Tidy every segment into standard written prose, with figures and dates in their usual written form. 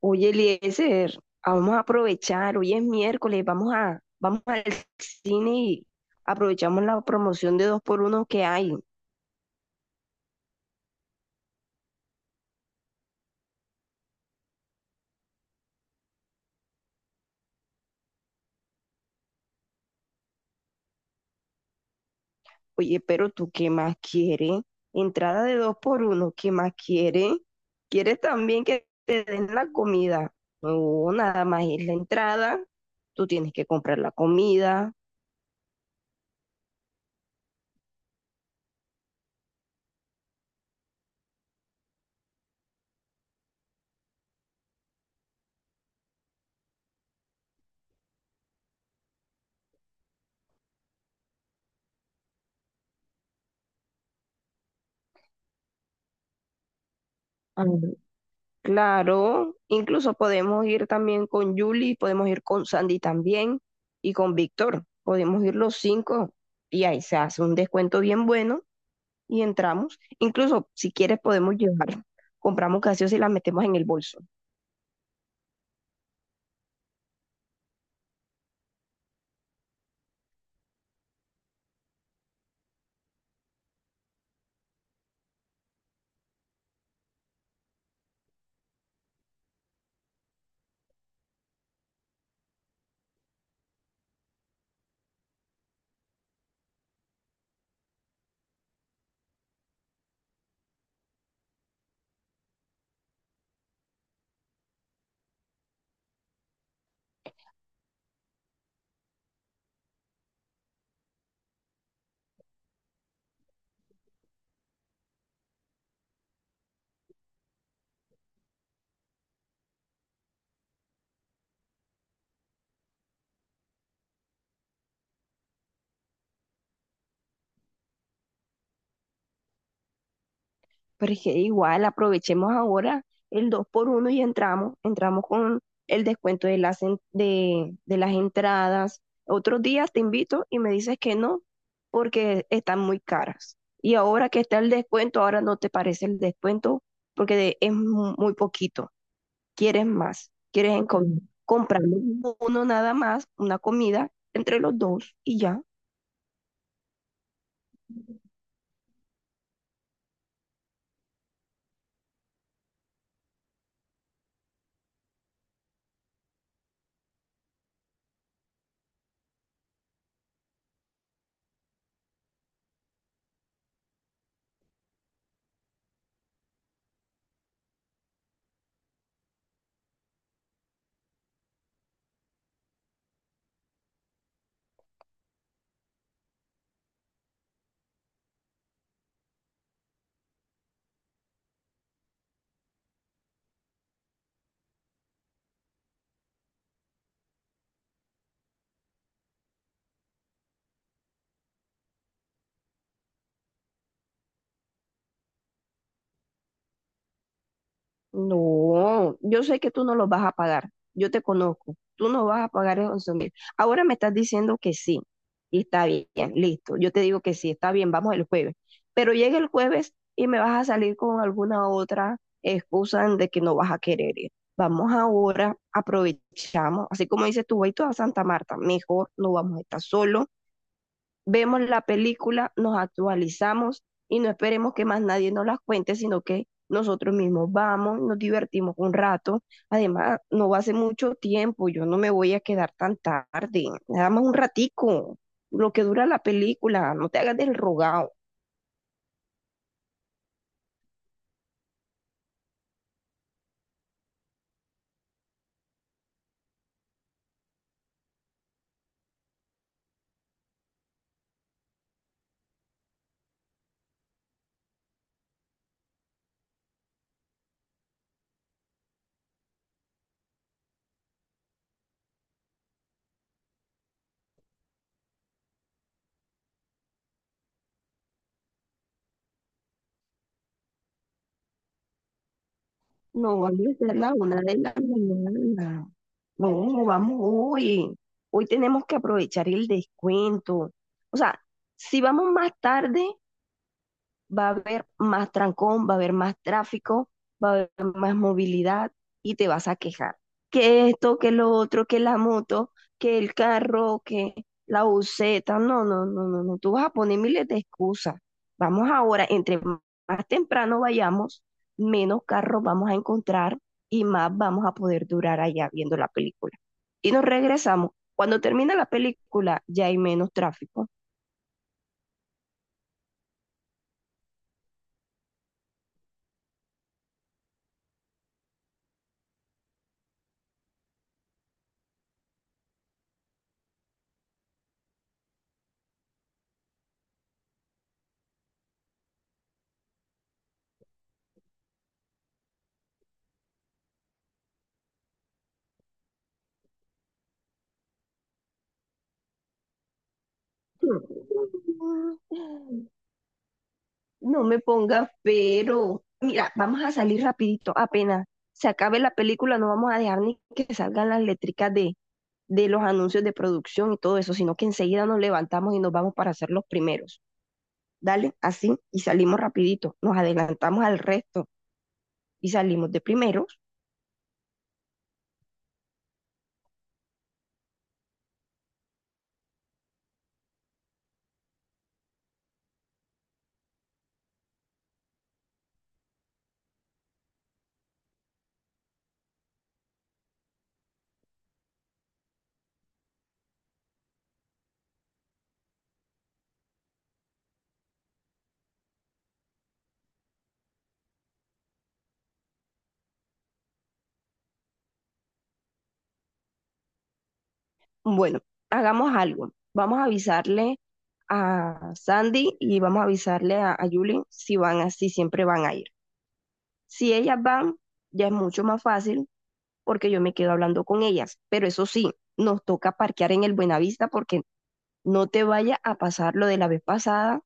Oye, Eliezer, vamos a aprovechar, hoy es miércoles, vamos al cine y aprovechamos la promoción de dos por uno que hay. Oye, ¿pero tú qué más quieres? Entrada de dos por uno, ¿qué más quieres? ¿Quieres también que te den la comida? No, nada más es la entrada, tú tienes que comprar la comida. Claro, incluso podemos ir también con Julie, podemos ir con Sandy también y con Víctor. Podemos ir los cinco y ahí se hace un descuento bien bueno y entramos. Incluso si quieres podemos llevar, compramos gaseosa y la metemos en el bolso. Pero es que igual aprovechemos ahora el 2 por uno y entramos, entramos con el descuento de las entradas. Otros días te invito y me dices que no, porque están muy caras. Y ahora que está el descuento, ahora no te parece el descuento porque es muy poquito. Quieres más, quieres enco- Mm. comprar uno nada más, una comida entre los dos y ya. No, yo sé que tú no los vas a pagar. Yo te conozco. Tú no vas a pagar esos 11 mil. Ahora me estás diciendo que sí. Y está bien, listo. Yo te digo que sí, está bien, vamos el jueves. Pero llega el jueves y me vas a salir con alguna otra excusa de que no vas a querer ir. Vamos ahora, aprovechamos. Así como dices tú, voy toda Santa Marta. Mejor no vamos a estar solos, vemos la película, nos actualizamos y no esperemos que más nadie nos las cuente, sino que nosotros mismos vamos, nos divertimos un rato. Además, no va a ser mucho tiempo, yo no me voy a quedar tan tarde, nada más un ratico, lo que dura la película, no te hagas del rogado. No, vamos a ser la una de la mañana. No, vamos hoy. Hoy tenemos que aprovechar el descuento. O sea, si vamos más tarde, va a haber más trancón, va a haber más tráfico, va a haber más movilidad y te vas a quejar. Que esto, que lo otro, que la moto, que el carro, que la buseta. No, no, no, no, no. Tú vas a poner miles de excusas. Vamos ahora, entre más temprano vayamos, menos carros vamos a encontrar y más vamos a poder durar allá viendo la película. Y nos regresamos. Cuando termina la película ya hay menos tráfico. No me pongas pero. Mira, vamos a salir rapidito, apenas se acabe la película, no vamos a dejar ni que salgan las letricas de los anuncios de producción y todo eso, sino que enseguida nos levantamos y nos vamos para ser los primeros. Dale, así, y salimos rapidito, nos adelantamos al resto y salimos de primeros. Bueno, hagamos algo. Vamos a avisarle a Sandy y vamos a avisarle a Julie, si van así, siempre van a ir. Si ellas van, ya es mucho más fácil porque yo me quedo hablando con ellas. Pero eso sí, nos toca parquear en el Buenavista porque no te vaya a pasar lo de la vez pasada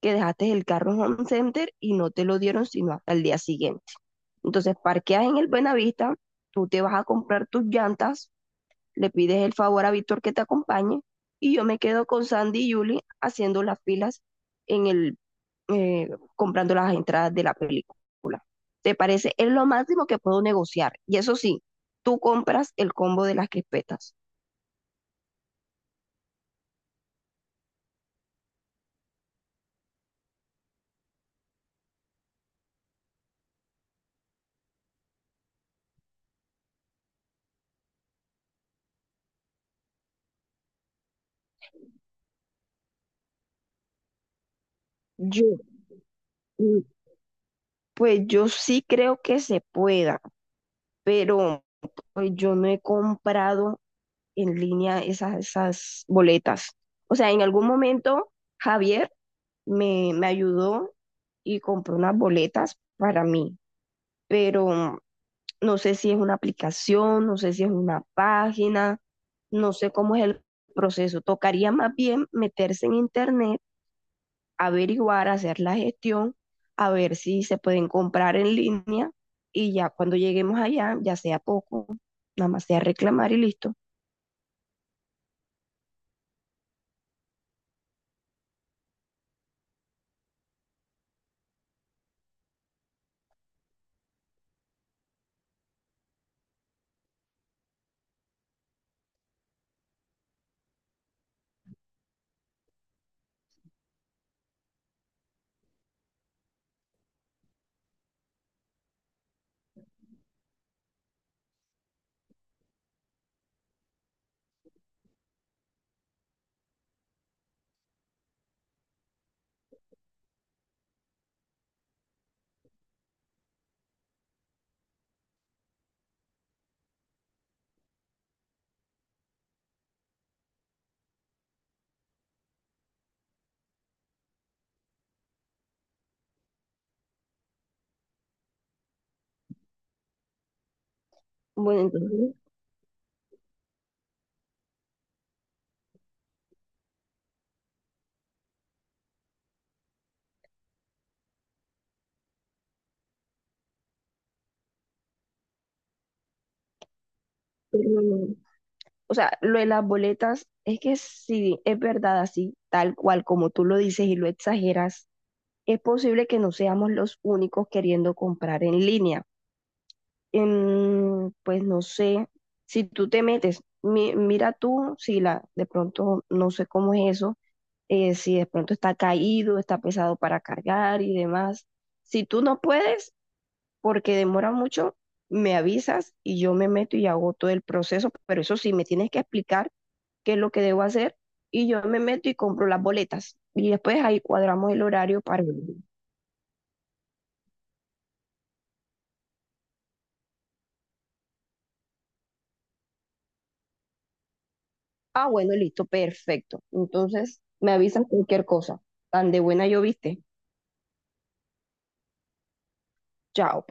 que dejaste el carro en Home Center y no te lo dieron sino hasta el día siguiente. Entonces parqueas en el Buenavista, tú te vas a comprar tus llantas, le pides el favor a Víctor que te acompañe y yo me quedo con Sandy y Julie haciendo las filas en el eh, comprando las entradas de la película. ¿Te parece? Es lo máximo que puedo negociar. Y eso sí, tú compras el combo de las crispetas. Yo, mm, pues yo sí creo que se pueda, pero pues yo no he comprado en línea esas boletas. O sea, en algún momento Javier me ayudó y compró unas boletas para mí, pero no sé si es una aplicación, no sé si es una página, no sé cómo es el proceso. Tocaría más bien meterse en internet, averiguar, hacer la gestión, a ver si se pueden comprar en línea y ya cuando lleguemos allá, ya sea poco, nada más sea reclamar y listo. Bueno, entonces, mm, o sea, lo de las boletas es que si es verdad así, tal cual como tú lo dices y lo exageras, es posible que no seamos los únicos queriendo comprar en línea. Pues no sé, si tú te metes, mira tú, si la, de pronto no sé cómo es eso, si de pronto está caído, está pesado para cargar y demás. Si tú no puedes, porque demora mucho, me avisas y yo me meto y hago todo el proceso, pero eso sí, me tienes que explicar qué es lo que debo hacer y yo me meto y compro las boletas y después ahí cuadramos el horario para ir. Ah, bueno, listo, perfecto. Entonces, me avisan cualquier cosa. Tan de buena yo viste. Chao.